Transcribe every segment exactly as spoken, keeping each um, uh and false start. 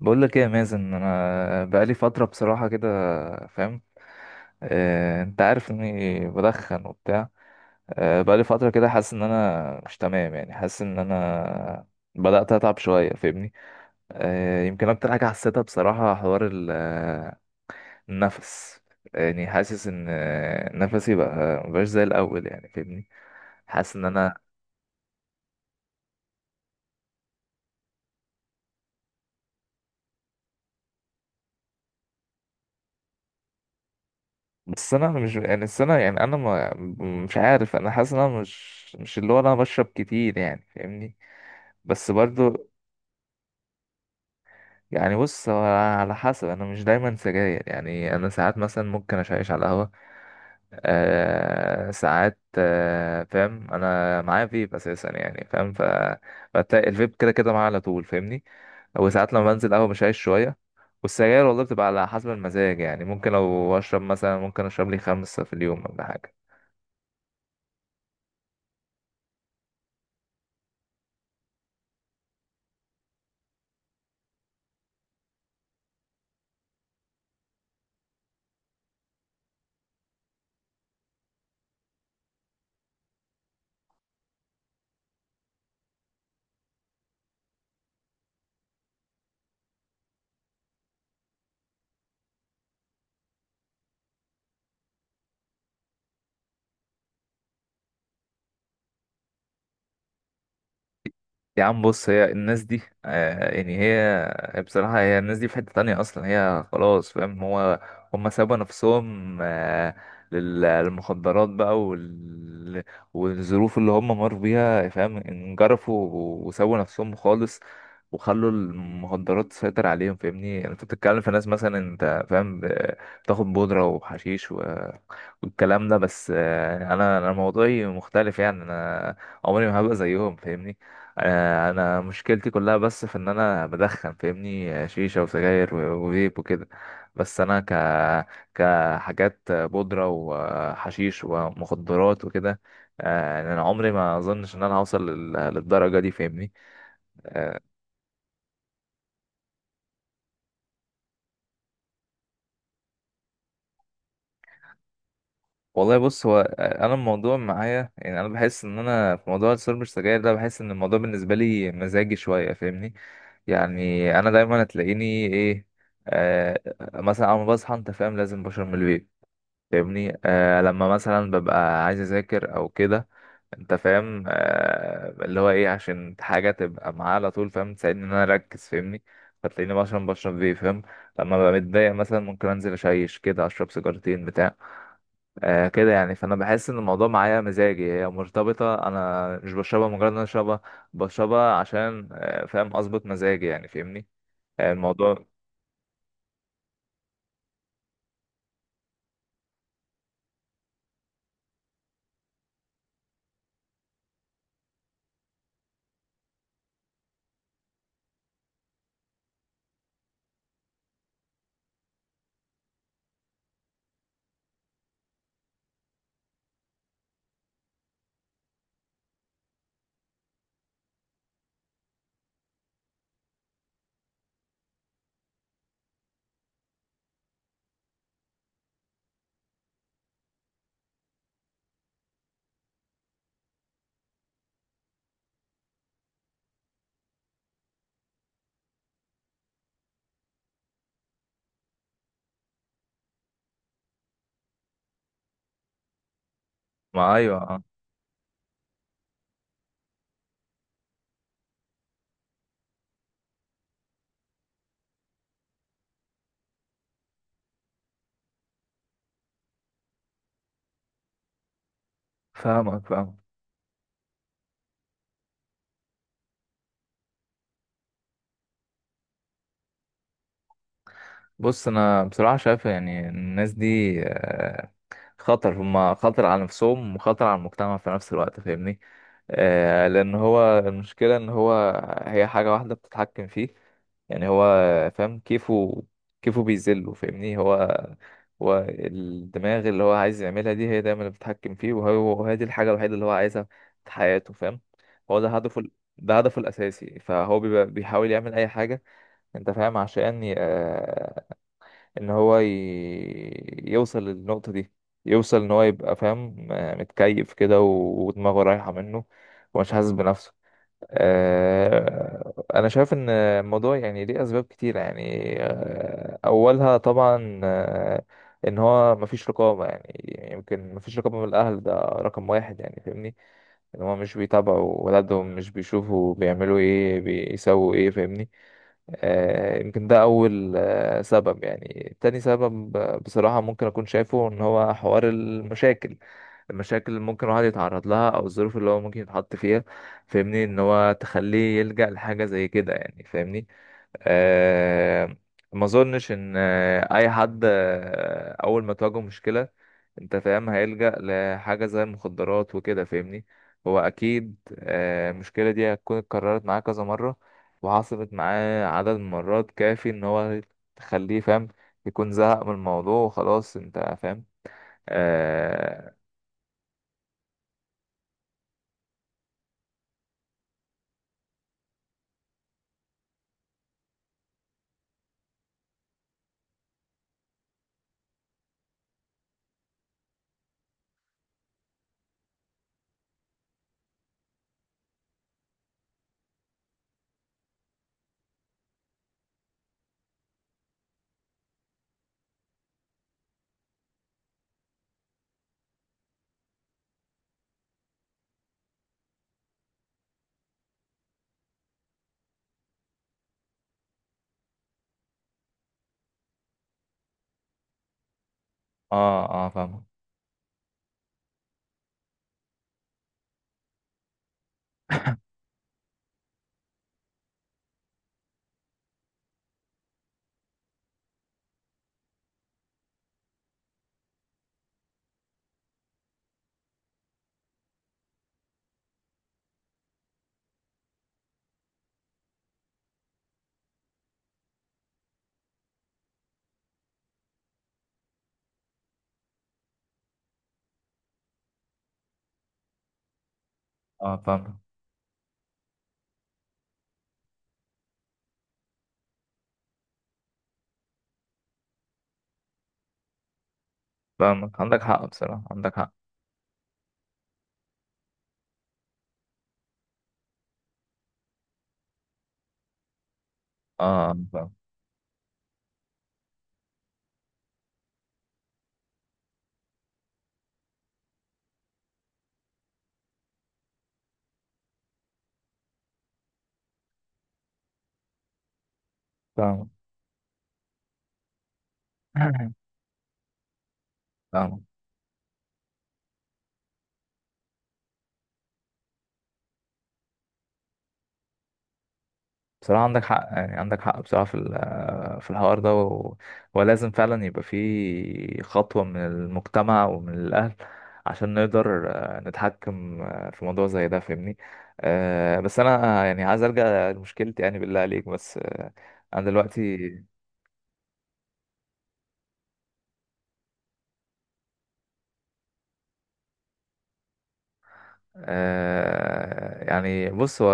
بقول لك ايه يا مازن، انا بقالي فتره بصراحه كده. فاهم؟ آه، انت عارف اني بدخن وبتاع. آه، بقالي فتره كده حاسس ان انا مش تمام، يعني حاسس ان انا بدات اتعب شويه. فاهمني؟ آه، يمكن اكتر حاجه حسيتها بصراحه حوار ال- آه، النفس. يعني حاسس ان آه، نفسي بقى مبقاش زي الاول، يعني فاهمني. حاسس ان انا، بس انا مش، يعني السنه، يعني انا ما مش عارف، انا حاسس ان انا مش مش اللي هو انا بشرب كتير، يعني فاهمني. بس برضو، يعني بص هو على حسب، انا مش دايما سجاير، يعني انا ساعات مثلا ممكن اشيش على القهوة. آه ساعات، آه فاهم، انا معايا فيب اساسا يعني، فاهم؟ ف فبتلاقي الفيب كده كده معايا على طول. فاهمني؟ وساعات لما بنزل قهوة بشيش شوية. والسجاير والله بتبقى على حسب المزاج، يعني ممكن لو اشرب مثلا، ممكن اشرب لي خمسة في اليوم ولا حاجة. يا عم بص، هي الناس دي آه، يعني هي بصراحة، هي الناس دي في حتة تانية أصلا. هي خلاص، فاهم؟ هو هم سابوا نفسهم، آه، لل- للمخدرات بقى وال... والظروف اللي هم مروا بيها، فاهم؟ انجرفوا وسابوا نفسهم خالص، وخلوا المخدرات تسيطر عليهم. فاهمني؟ يعني انت بتتكلم في ناس مثلا، انت فاهم، ب- بتاخد بودرة وحشيش والكلام ده. بس آه، انا انا موضوعي مختلف، يعني انا عمري ما هبقى زيهم. فاهمني؟ آه، انا مشكلتي كلها بس في ان انا بدخن. فاهمني؟ آه، شيشة وسجاير و- وفيب وكده. بس انا ك كحاجات آه، بودرة وحشيش ومخدرات وكده، آه، يعني انا عمري ما اظنش ان انا هوصل لل- للدرجة دي. فاهمني؟ آه، والله بص، هو انا الموضوع معايا، يعني انا بحس ان انا في موضوع السيرب السجاير ده، بحس ان الموضوع بالنسبه لي مزاجي شويه. فاهمني؟ يعني انا دايما هتلاقيني ايه، آه، مثلا اول ما بصحى انت فاهم لازم بشرب من الفيب. فاهمني؟ آه لما مثلا ببقى عايز اذاكر او كده، انت فاهم، آه اللي هو ايه، عشان حاجه تبقى معايا على طول، فاهم؟ تساعدني ان انا اركز. فاهمني؟ فتلاقيني مثلا بشرب فيب، فاهم؟ لما ببقى متضايق مثلا ممكن انزل اشيش كده، اشرب سيجارتين بتاع. آه كده يعني. فانا بحس ان الموضوع معايا مزاجي، هي مرتبطه. انا مش بشربها مجرد ان انا اشربها، بشربها عشان آه، فاهم، اظبط مزاجي يعني. فاهمني؟ آه الموضوع. ما ايوه، آه، فاهمك فاهمك. بص انا بصراحه شايف، يعني الناس دي آه، خطر، هما خطر على نفسهم وخطر على المجتمع في نفس الوقت. فاهمني؟ آه، لان هو المشكله ان هو هي حاجه واحده بتتحكم فيه، يعني هو فاهم، كيفه كيفه بيذله. فاهمني؟ هو هو الدماغ، اللي هو عايز يعملها دي، هي دايما اللي بتتحكم فيه. وهو وهي دي الحاجه الوحيده اللي هو عايزها في حياته، فاهم؟ هو ده هدفه ال- ده هدفه الاساسي. فهو بيبقى بيحاول يعمل اي حاجه، انت فاهم، عشان ان هو ي... يوصل للنقطة دي، يوصل ان هو يبقى فاهم، آه، متكيف كده و- ودماغه رايحة منه ومش حاسس بنفسه. آه، انا شايف ان الموضوع يعني ليه اسباب كتيرة يعني، آه، اولها طبعا آه، ان هو مفيش رقابة، يعني يمكن مفيش رقابة من الاهل، ده رقم واحد يعني. فاهمني؟ ان هما مش بيتابعوا ولادهم، مش بيشوفوا بيعملوا ايه، بيسووا ايه. فاهمني؟ آه، يمكن ده اول آه، سبب يعني. تاني سبب آه، بصراحة، ممكن اكون شايفه ان هو حوار المشاكل، المشاكل اللي ممكن الواحد يتعرض لها، او الظروف اللي هو ممكن يتحط فيها. فاهمني؟ ان هو تخليه يلجأ لحاجة زي كده يعني. فاهمني؟ آه، ما اظنش ان آه، اي حد آه، اول ما تواجهه مشكلة، انت فاهم، هيلجأ لحاجة زي المخدرات وكده. فاهمني؟ هو اكيد آه، المشكلة دي هتكون اتكررت معاه كذا مرة، وحصلت معاه عدد من مرات كافي ان هو، تخليه فاهم، يكون زهق من الموضوع وخلاص، انت فاهم. اه. اه, آه فاهم. اه فاهم. فاهمك. عندك حق بصراحة، عندك حق. اه فاهم. فاهم. فاهم. بصراحة عندك حق، يعني عندك حق بصراحة في ال- في الحوار ده، و- ولازم فعلا يبقى في خطوة من المجتمع ومن الأهل عشان نقدر آه، نتحكم آه، في موضوع زي ده. فاهمني؟ آه، بس أنا آه، يعني عايز أرجع لمشكلتي يعني بالله عليك، بس آه، أنا دلوقتي. آه يعني بص، هو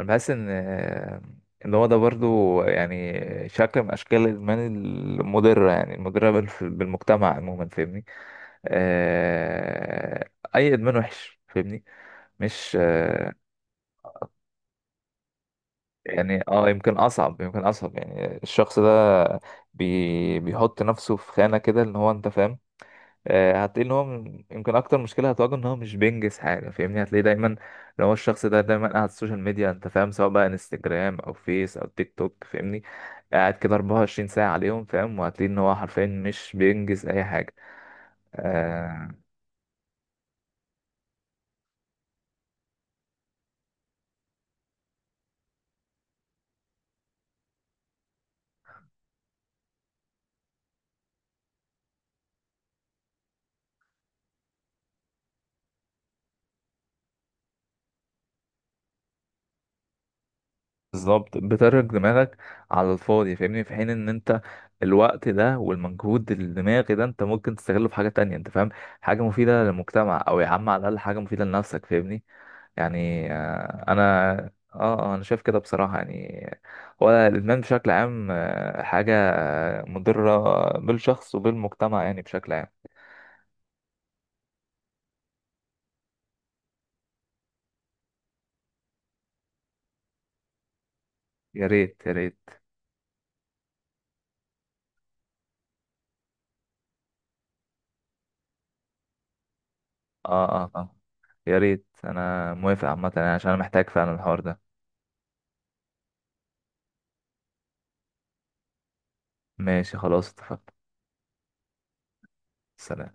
انا بحس ان آه، ان هو ده برضو، يعني شكل من اشكال الادمان المضره، يعني المضره بال- بالمجتمع عموما. فاهمني؟ آه، اي ادمان وحش. فاهمني؟ مش آه. يعني اه، يمكن اصعب، يمكن اصعب يعني الشخص ده، بي بيحط نفسه في خانه كده ان هو انت فاهم. آه، هتلاقي ان هو من- يمكن اكتر مشكله هتواجهه ان هو مش بينجز حاجه. فاهمني؟ هتلاقيه دايما، لو هو الشخص ده دايما قاعد على السوشيال ميديا، انت فاهم، سواء بقى انستجرام او فيس او تيك توك. فاهمني؟ قاعد كده أربعة وعشرين ساعه عليهم، فاهم؟ وهتلاقي ان هو حرفيا مش بينجز اي حاجه. آه بالظبط، بترك دماغك على الفاضي. فاهمني؟ في حين ان انت، الوقت ده والمجهود الدماغي ده، انت ممكن تستغله في حاجه تانية، انت فاهم، حاجه مفيده للمجتمع، او يا عم على الاقل حاجه مفيده لنفسك. فاهمني؟ يعني آه، انا. اه، آه، انا شايف كده بصراحة، يعني هو الادمان بشكل عام آه، حاجة آه، مضرة بالشخص وبالمجتمع يعني بشكل عام. يا ريت يا ريت. اه اه اه يا ريت، انا موافق عامة يعني، عشان انا محتاج فعلا الحوار ده. ماشي خلاص اتفقنا. سلام.